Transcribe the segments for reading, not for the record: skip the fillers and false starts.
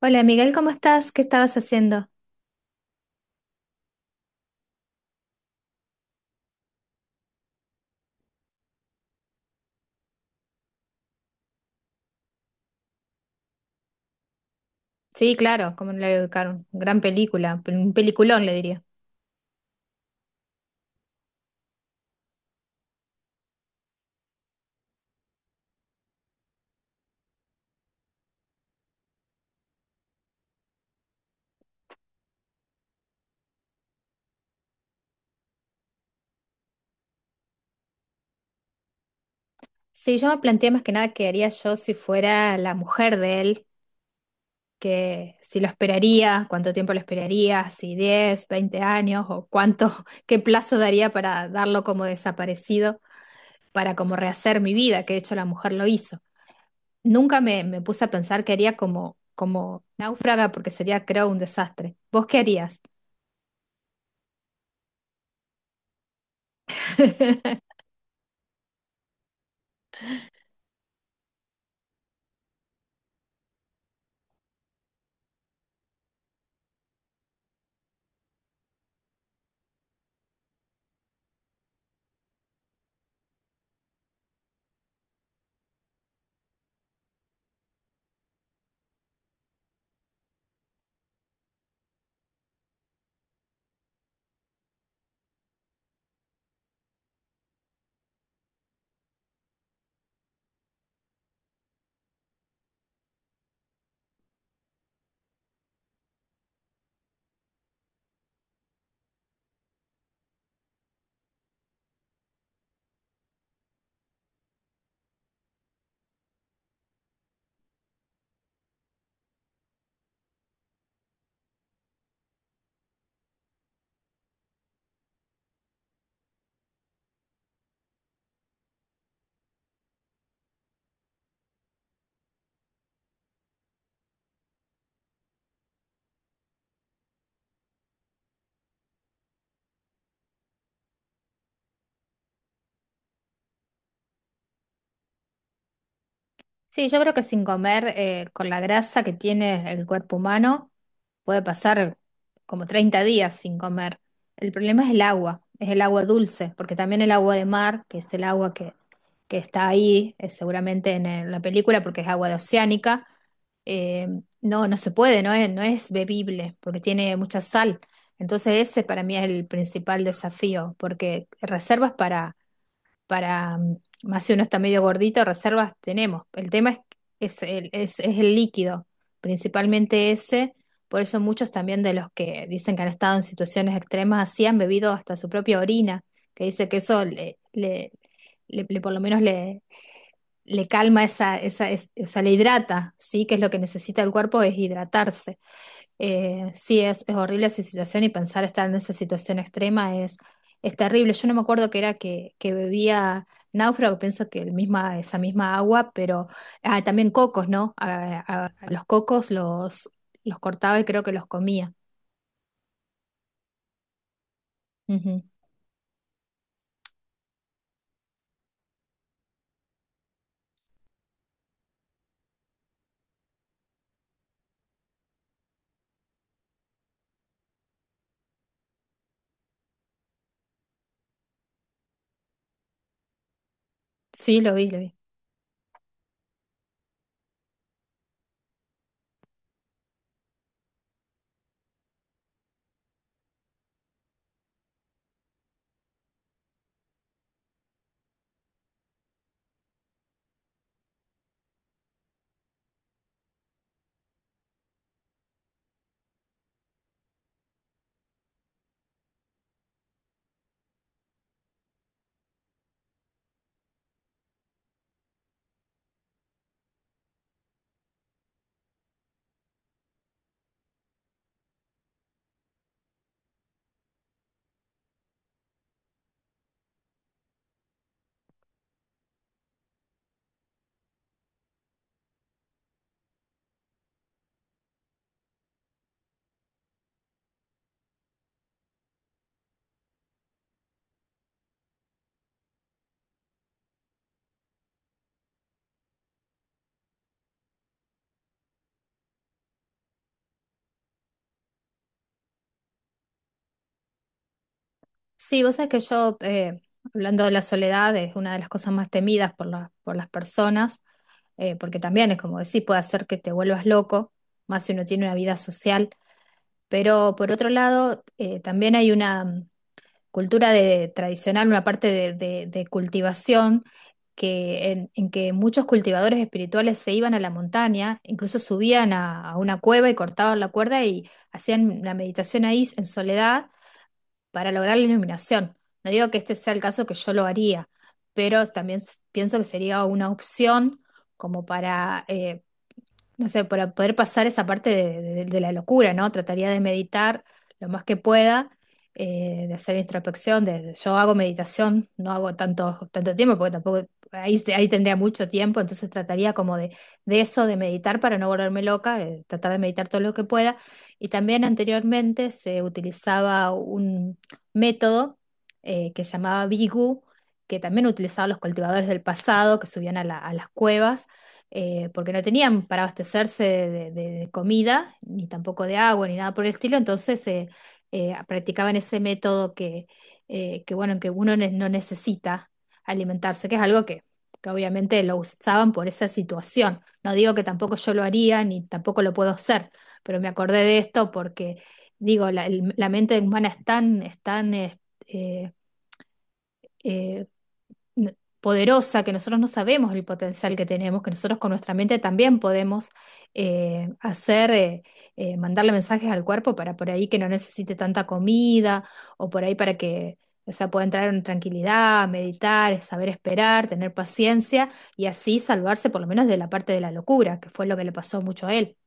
Hola Miguel, ¿cómo estás? ¿Qué estabas haciendo? Sí, claro, cómo no la voy a ubicar, gran película, un peliculón le diría. Sí, yo me planteé más que nada qué haría yo si fuera la mujer de él, que si lo esperaría, cuánto tiempo lo esperaría, si 10, 20 años o cuánto, qué plazo daría para darlo como desaparecido, para como rehacer mi vida, que de hecho la mujer lo hizo. Nunca me puse a pensar qué haría como, como náufraga porque sería creo un desastre. ¿Vos qué harías? Sí, yo creo que sin comer, con la grasa que tiene el cuerpo humano, puede pasar como 30 días sin comer. El problema es el agua dulce, porque también el agua de mar, que es el agua que está ahí, seguramente en, la película, porque es agua de oceánica, eh, no, no se puede, no es, no es bebible, porque tiene mucha sal. Entonces ese para mí es el principal desafío, porque reservas para, más si uno está medio gordito, reservas tenemos. El tema es el líquido, principalmente ese. Por eso muchos también de los que dicen que han estado en situaciones extremas así han bebido hasta su propia orina, que dice que eso por lo menos le, le calma esa, esa, o sea, le hidrata, ¿sí? Que es lo que necesita el cuerpo, es hidratarse. Sí, es horrible esa situación y pensar estar en esa situación extrema es terrible. Yo no me acuerdo que era que bebía náufrago, pienso que el misma, esa misma agua, pero ah, también cocos, ¿no? A los cocos los cortaba y creo que los comía. Ujú. Sí, lo vi, lo vi. Sí, vos sabés que yo, hablando de la soledad, es una de las cosas más temidas por, por las personas, porque también es como decir, puede hacer que te vuelvas loco, más si uno tiene una vida social. Pero por otro lado, también hay una cultura de, tradicional, una parte de, de cultivación que, en que muchos cultivadores espirituales se iban a la montaña, incluso subían a una cueva y cortaban la cuerda y hacían la meditación ahí en soledad para lograr la iluminación. No digo que este sea el caso que yo lo haría, pero también pienso que sería una opción como para, no sé, para poder pasar esa parte de, de la locura, ¿no? Trataría de meditar lo más que pueda, de hacer introspección, de, yo hago meditación, no hago tanto, tanto tiempo, porque tampoco, ahí, ahí tendría mucho tiempo, entonces trataría como de eso, de meditar para no volverme loca, tratar de meditar todo lo que pueda. Y también anteriormente se utilizaba un método que se llamaba Bigu, que también utilizaban los cultivadores del pasado, que subían a a las cuevas porque no tenían para abastecerse de, de comida, ni tampoco de agua, ni nada por el estilo, entonces practicaban ese método que, bueno, que uno no necesita alimentarse, que es algo que obviamente lo usaban por esa situación. No digo que tampoco yo lo haría, ni tampoco lo puedo hacer, pero me acordé de esto porque, digo, la, la mente humana es tan, eh, eh, poderosa, que nosotros no sabemos el potencial que tenemos, que nosotros con nuestra mente también podemos hacer, mandarle mensajes al cuerpo para por ahí que no necesite tanta comida o por ahí para que, o sea, pueda entrar en tranquilidad, meditar, saber esperar, tener paciencia y así salvarse por lo menos de la parte de la locura, que fue lo que le pasó mucho a él.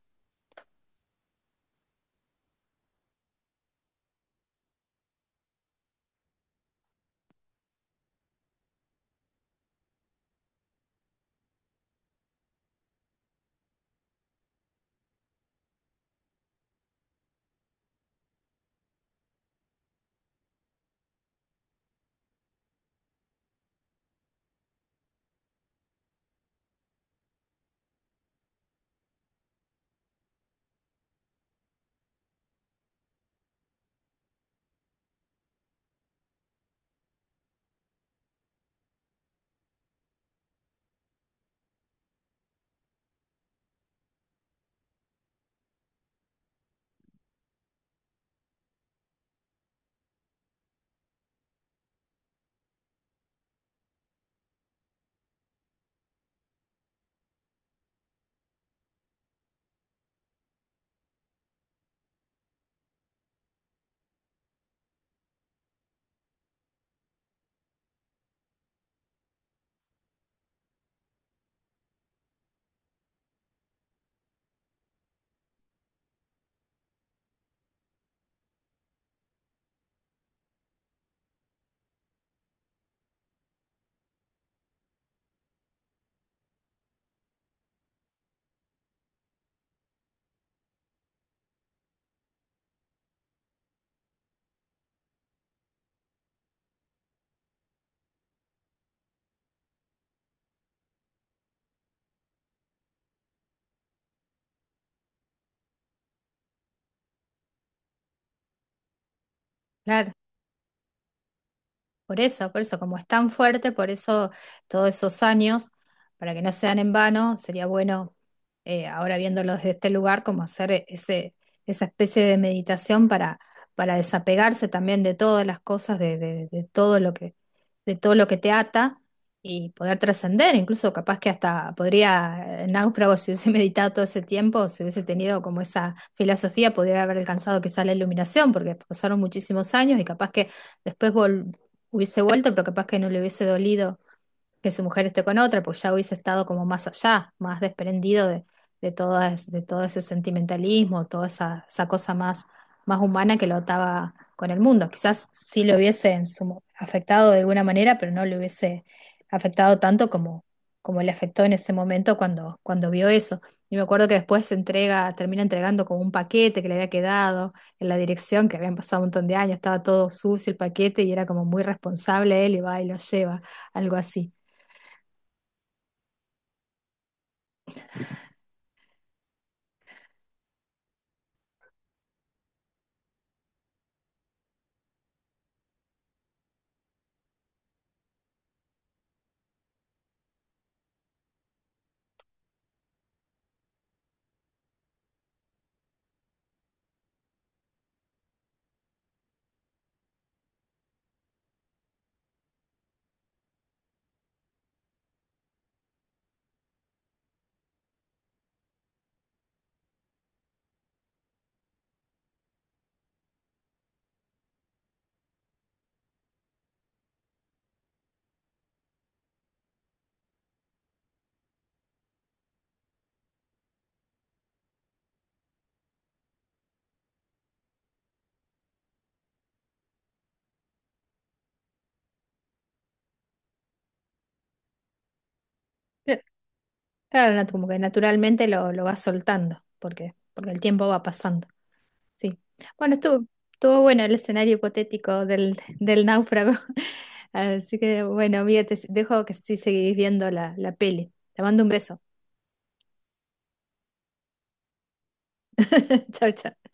Claro. Por eso, como es tan fuerte, por eso todos esos años, para que no sean en vano, sería bueno, ahora viéndolos desde este lugar, como hacer ese, esa especie de meditación para desapegarse también de todas las cosas, de, de todo lo que, de todo lo que te ata y poder trascender, incluso capaz que hasta podría, náufrago, si hubiese meditado todo ese tiempo, si hubiese tenido como esa filosofía, podría haber alcanzado quizá la iluminación, porque pasaron muchísimos años y capaz que... Después hubiese vuelto, pero capaz que no le hubiese dolido que su mujer esté con otra, porque ya hubiese estado como más allá, más desprendido de, todo, de todo ese sentimentalismo, toda esa, esa cosa más, más humana que lo ataba con el mundo. Quizás sí lo hubiese en su afectado de alguna manera, pero no le hubiese afectado tanto como, como le afectó en ese momento cuando, cuando vio eso. Y me acuerdo que después se entrega, termina entregando como un paquete que le había quedado en la dirección, que habían pasado un montón de años, estaba todo sucio el paquete y era como muy responsable él y va y lo lleva, algo así. Eh, Claro, como que naturalmente lo vas soltando, porque, porque el tiempo va pasando. Sí. Bueno, estuvo, estuvo bueno el escenario hipotético del, del náufrago. Así que bueno, amiga, te dejo que sí seguís viendo la, la peli. Te mando un beso. Chau, chau.